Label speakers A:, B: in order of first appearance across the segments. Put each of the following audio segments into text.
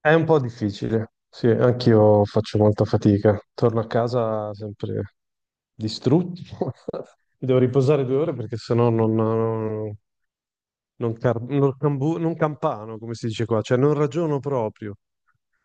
A: È un po' difficile, sì, anch'io faccio molta fatica. Torno a casa sempre distrutto. Mi devo riposare 2 ore perché sennò non, non, non campano, come si dice qua, cioè non ragiono proprio.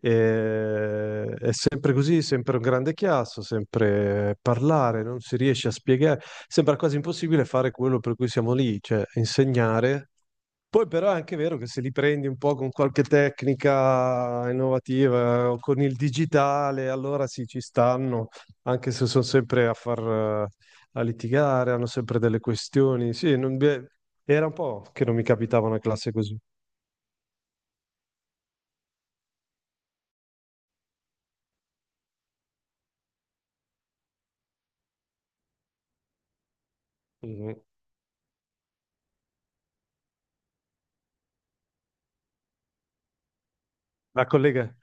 A: È sempre così, sempre un grande chiasso, sempre parlare, non si riesce a spiegare. Sembra quasi impossibile fare quello per cui siamo lì, cioè insegnare. Poi però è anche vero che se li prendi un po' con qualche tecnica innovativa, o con il digitale, allora sì, ci stanno, anche se sono sempre a litigare, hanno sempre delle questioni. Sì, beh, era un po' che non mi capitava una classe così. Mhm. La collega,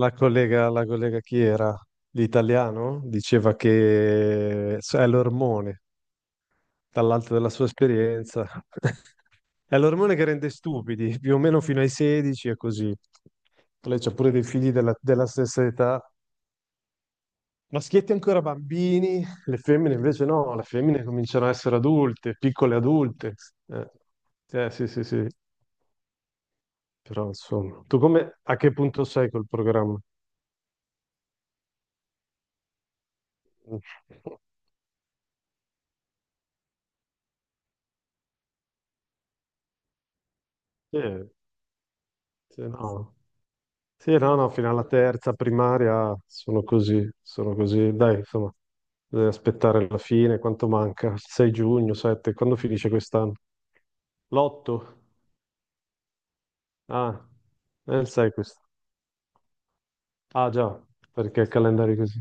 A: la collega chi era? L'italiano? Diceva che è l'ormone, dall'alto della sua esperienza. È l'ormone che rende stupidi, più o meno fino ai 16 è così. Lei c'ha pure dei figli della stessa età. Maschietti ancora bambini, le femmine invece no, le femmine cominciano a essere adulte, piccole adulte. Eh, sì, sì, sì. Però insomma, tu come, a che punto sei col programma? Eh, sì, no. Sì, no, no, fino alla terza primaria sono così, sono così. Dai, insomma, bisogna aspettare la fine, quanto manca? Il 6 giugno, 7, quando finisce quest'anno? L'8? Ah, è il 6 questo. Ah, già, perché il calendario è così.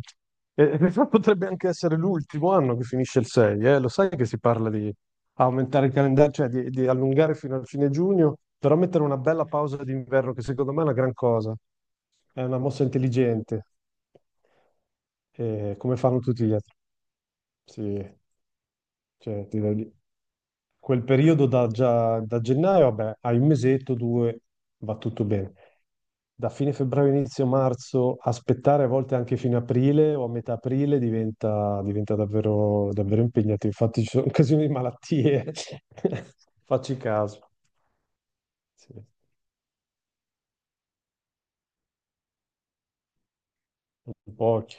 A: E in realtà potrebbe anche essere l'ultimo anno che finisce il 6, eh? Lo sai che si parla di aumentare il calendario, cioè di allungare fino al fine giugno, però mettere una bella pausa d'inverno, che secondo me è una gran cosa. È una mossa intelligente, come fanno tutti gli altri. Sì, cioè, quel periodo già, da gennaio, vabbè, hai un mesetto, due, va tutto bene. Da fine febbraio, inizio marzo, aspettare a volte anche fine aprile o a metà aprile diventa davvero, davvero impegnativo. Infatti ci sono occasioni di malattie, facci caso. Sì, sono pochi,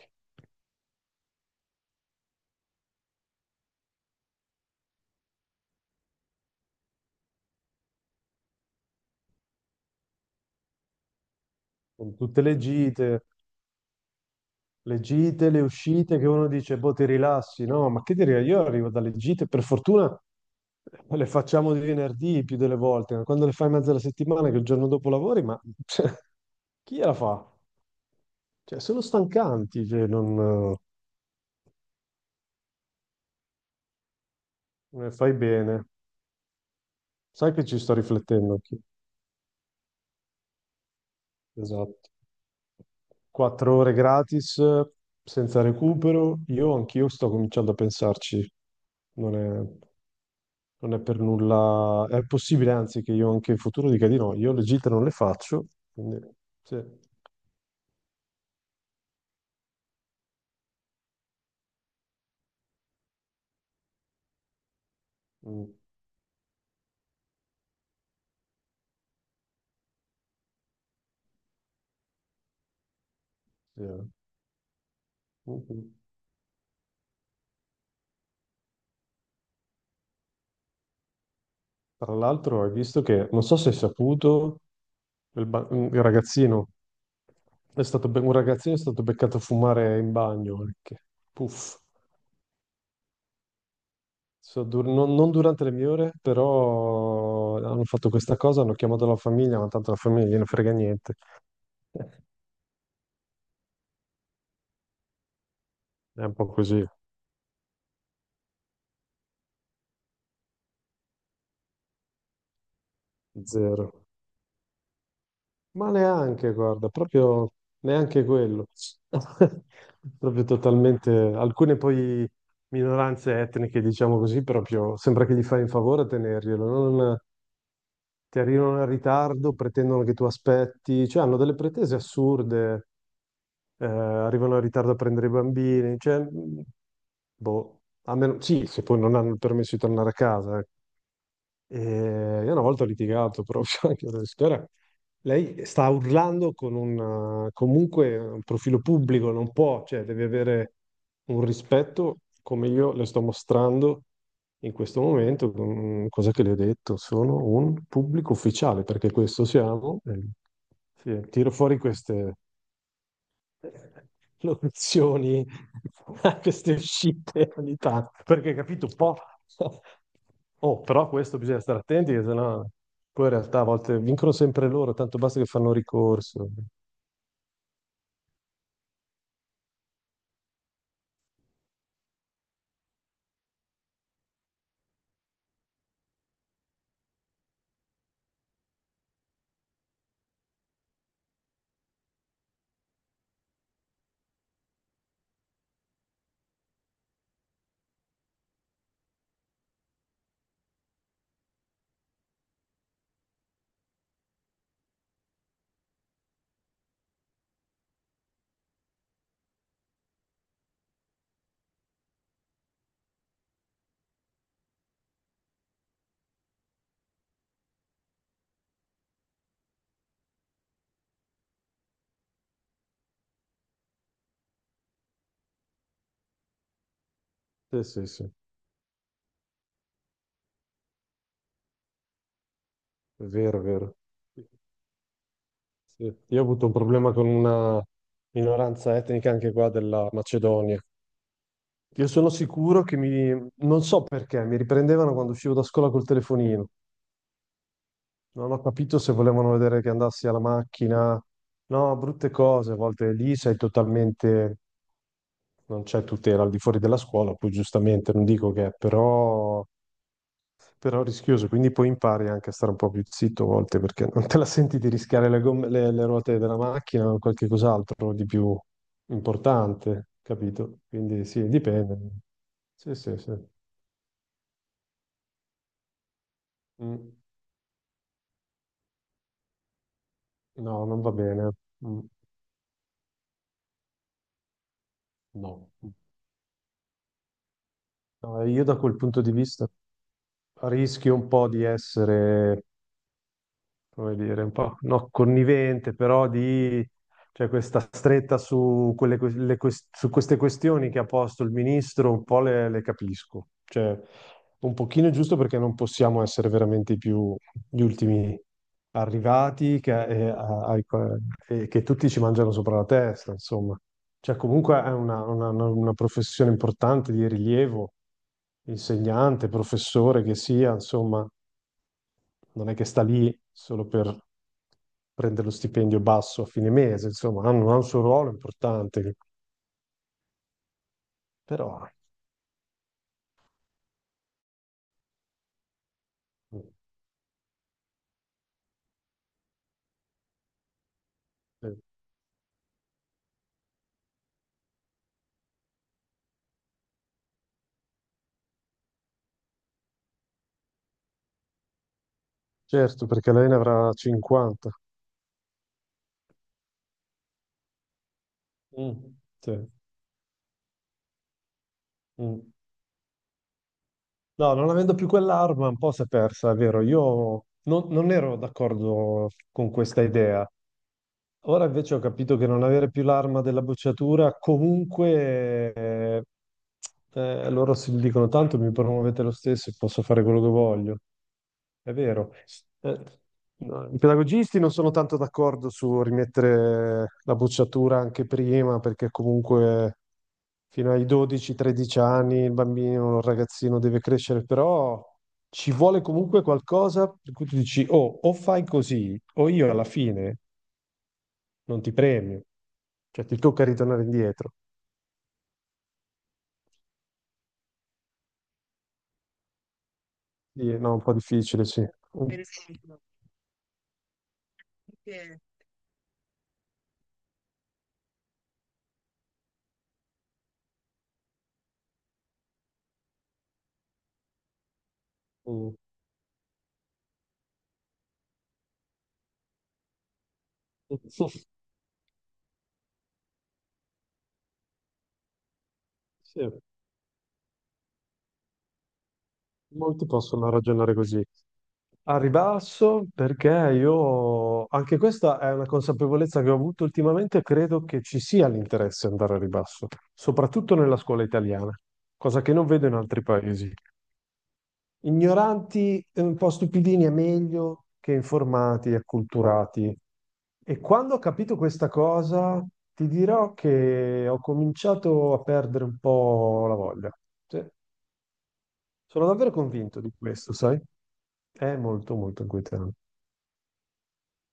A: con tutte le gite. Le gite, le uscite, che uno dice, boh, ti rilassi, no? Ma che dire, io arrivo dalle gite, per fortuna le facciamo di venerdì più delle volte, ma quando le fai in mezzo alla settimana, che il giorno dopo lavori, ma cioè, chi la fa? Cioè, sono stancanti, cioè, non ne fai bene. Sai che ci sto riflettendo anch'io. Esatto. 4 ore gratis, senza recupero, io anch'io sto cominciando a pensarci. Non è... Non è per nulla, è possibile anzi che io anche in futuro dica di no, io le gite non le faccio, quindi sì. Mm, sì, eh. Mhm. Tra l'altro hai visto che, non so se hai saputo, il, ba- il ragazzino è stato, be- un ragazzino è stato beccato a fumare in bagno anche, puff. Non, non durante le mie ore, però hanno fatto questa cosa, hanno chiamato la famiglia, ma tanto la famiglia non gliene frega niente, è un po' così, zero. Ma neanche, guarda, proprio neanche quello. Proprio totalmente. Alcune poi minoranze etniche, diciamo così, proprio sembra che gli fai un favore a tenerglielo. Non, ti arrivano in ritardo, pretendono che tu aspetti, cioè hanno delle pretese assurde, arrivano in ritardo a prendere i bambini, cioè, boh, a meno, sì, se poi non hanno il permesso di tornare a casa, eh. E io una volta ho litigato proprio anche con la signora. Lei sta urlando con un comunque un profilo pubblico, non può, cioè deve avere un rispetto come io le sto mostrando in questo momento. Mm, cosa che le ho detto? Sono un pubblico ufficiale, perché questo siamo. Sì, tiro fuori queste locuzioni a queste uscite ogni tanto. Perché capito un po'. Oh, però questo bisogna stare attenti, che sennò poi in realtà a volte vincono sempre loro, tanto basta che fanno ricorso. Sì, sì, sì, è vero, è vero. Sì. Io ho avuto un problema con una minoranza etnica anche qua della Macedonia. Io sono sicuro che mi, non so perché, mi riprendevano quando uscivo da scuola col telefonino. Non ho capito se volevano vedere che andassi alla macchina. No, brutte cose, a volte lì sei totalmente, non c'è tutela al di fuori della scuola, poi giustamente non dico che è, però, però è rischioso, quindi poi impari anche a stare un po' più zitto a volte perché non te la senti di rischiare le ruote della macchina o qualche cos'altro di più importante, capito? Quindi sì, dipende. Sì, sì, sì. Mm. No, non va bene. Mm. No. No, io da quel punto di vista rischi un po' di essere, come dire, un po' no, connivente, però di cioè questa stretta su queste questioni che ha posto il ministro, un po' le capisco. Cioè, un pochino è giusto perché non possiamo essere veramente più gli ultimi arrivati che tutti ci mangiano sopra la testa, insomma. Cioè, comunque è una professione importante di rilievo, insegnante, professore che sia, insomma, non è che sta lì solo per prendere lo stipendio basso a fine mese, insomma, hanno, ha un suo ruolo importante, però. Eh, certo, perché lei ne avrà 50. Mm, sì, mm. No, non avendo più quell'arma, un po' si è persa, è vero. Io non ero d'accordo con questa idea. Ora invece ho capito che non avere più l'arma della bocciatura, comunque, loro si dicono tanto mi promuovete lo stesso e posso fare quello che voglio. È vero. Eh, no, i pedagogisti non sono tanto d'accordo su rimettere la bocciatura anche prima, perché comunque fino ai 12-13 anni il bambino, il ragazzino deve crescere, però ci vuole comunque qualcosa per cui tu dici, oh, o fai così, o io alla fine non ti premio, cioè ti tocca ritornare indietro. Sì, no, un po' difficile, sì. Mm. Mm. Sì, molti possono ragionare così. Al ribasso, perché io, anche questa è una consapevolezza che ho avuto ultimamente, credo che ci sia l'interesse ad andare al ribasso, soprattutto nella scuola italiana, cosa che non vedo in altri paesi. Ignoranti, e un po' stupidini è meglio che informati e acculturati. E quando ho capito questa cosa, ti dirò che ho cominciato a perdere un po' la voglia. Sì, sono davvero convinto di questo, sai? È molto, molto inquietante.